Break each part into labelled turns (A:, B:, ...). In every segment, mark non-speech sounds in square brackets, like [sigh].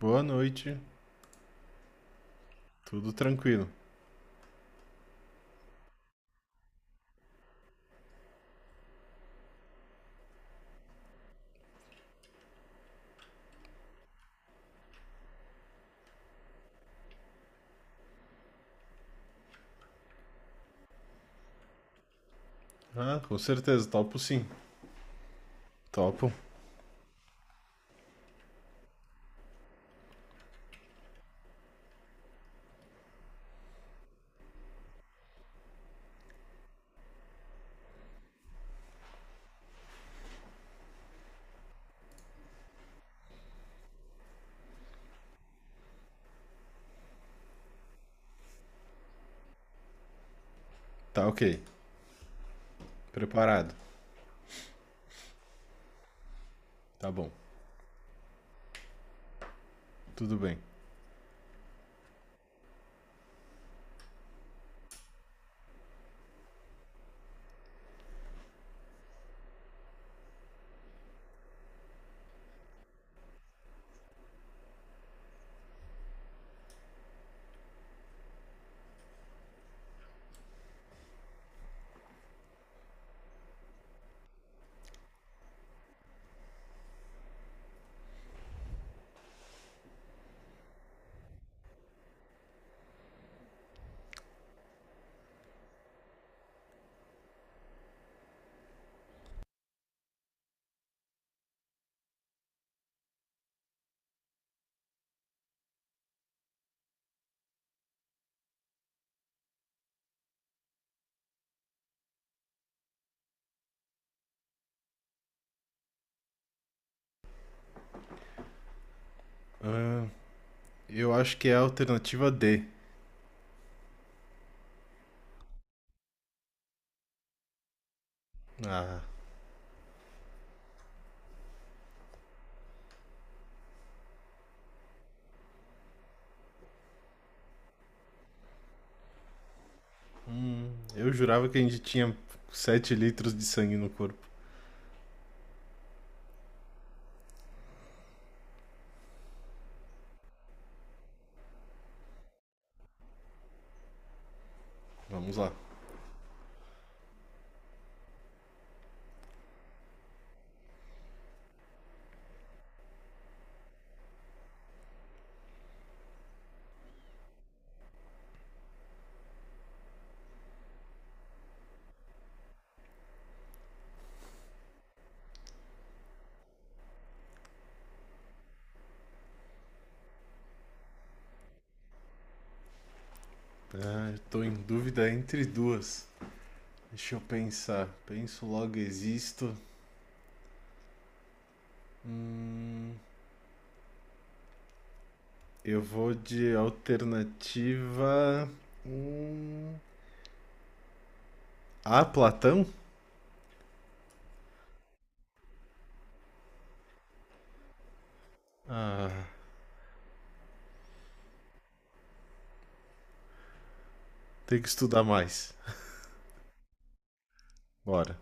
A: Boa noite. Tudo tranquilo. Ah, com certeza, topo sim. Topo. Tá ok. Preparado. Tá bom. Tudo bem. Ah, eu acho que é a alternativa D. Ah, eu jurava que a gente tinha 7 litros de sangue no corpo. Vamos lá. Ah, eu tô em dúvida entre duas. Deixa eu pensar. Penso logo existo. Hum, eu vou de alternativa. hum, A, Platão? Ah, tem que estudar mais. Bora.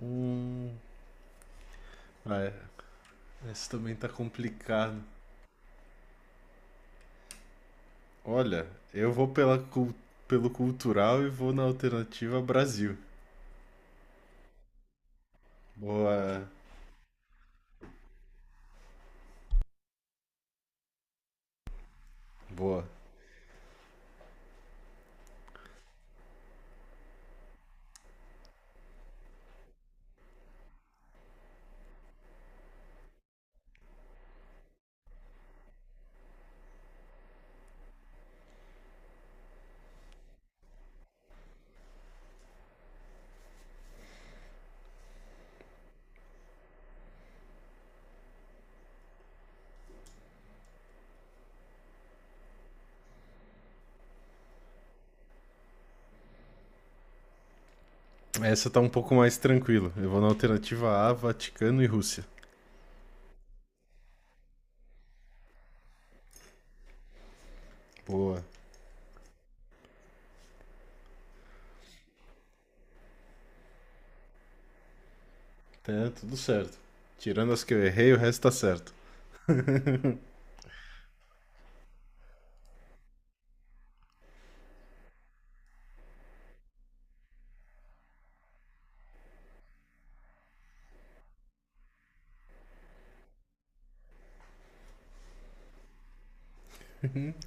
A: Hum. Ah, é, esse também tá complicado. Olha, eu vou pelo cultural e vou na alternativa Brasil. Boa. Boa. Essa tá um pouco mais tranquila. Eu vou na alternativa A, Vaticano e Rússia. Boa. Tá tudo certo. Tirando as que eu errei, o resto tá certo.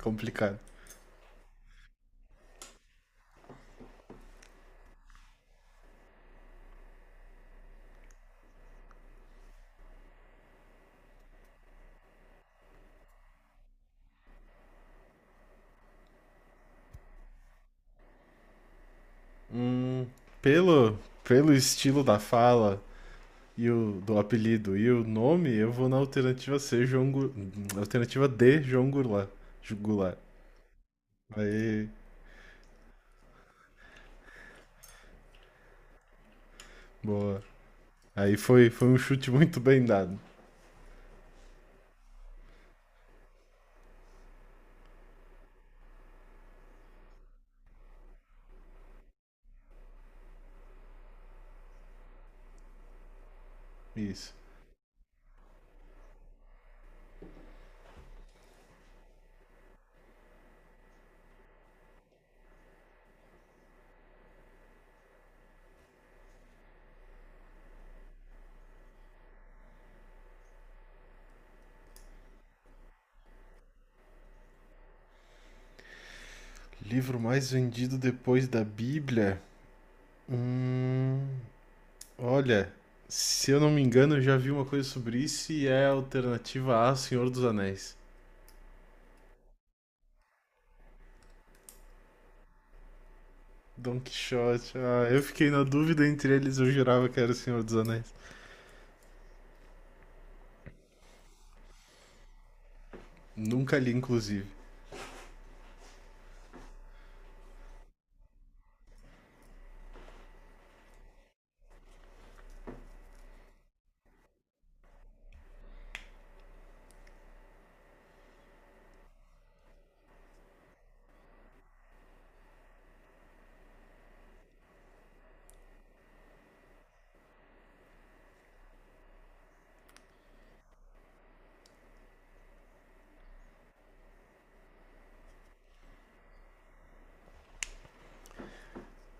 A: Complicado. Hum, pelo, pelo estilo da fala, e o do apelido e o nome, eu vou na alternativa C, alternativa D, João Goulart. Goulart. Aí, boa. Aí foi um chute muito bem dado. Isso. Livro mais vendido depois da Bíblia? Hum, Olha, se eu não me engano, eu já vi uma coisa sobre isso e é a alternativa A, Senhor dos Anéis. Don Quixote. Ah, eu fiquei na dúvida entre eles, eu jurava que era o Senhor dos Anéis. Nunca li, inclusive.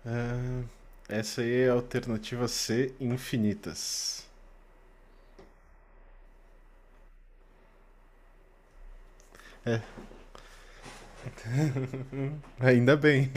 A: Ah, essa aí é a alternativa C, infinitas. É, ainda bem.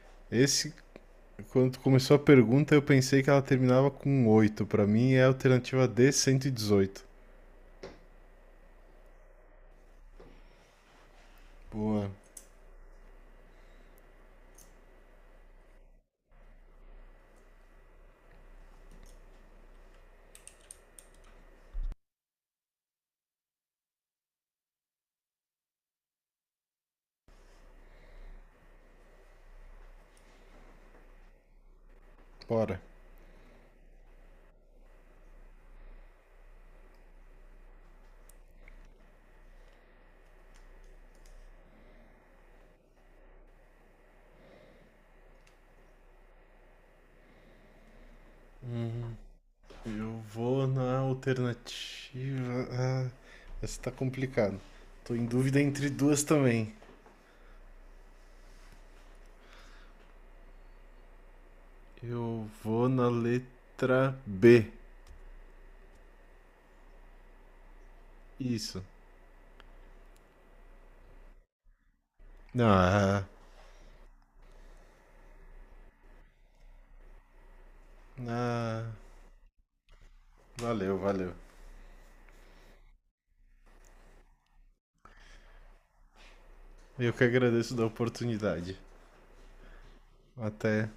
A: [laughs] Esse, quando começou a pergunta, eu pensei que ela terminava com oito. Pra mim é a alternativa D, 118. Boa, bora. Eu vou na alternativa. Ah, essa tá complicada. Tô em dúvida entre duas também. Eu vou na letra B. Isso. Ah, ah, valeu, valeu. Eu que agradeço da oportunidade. Até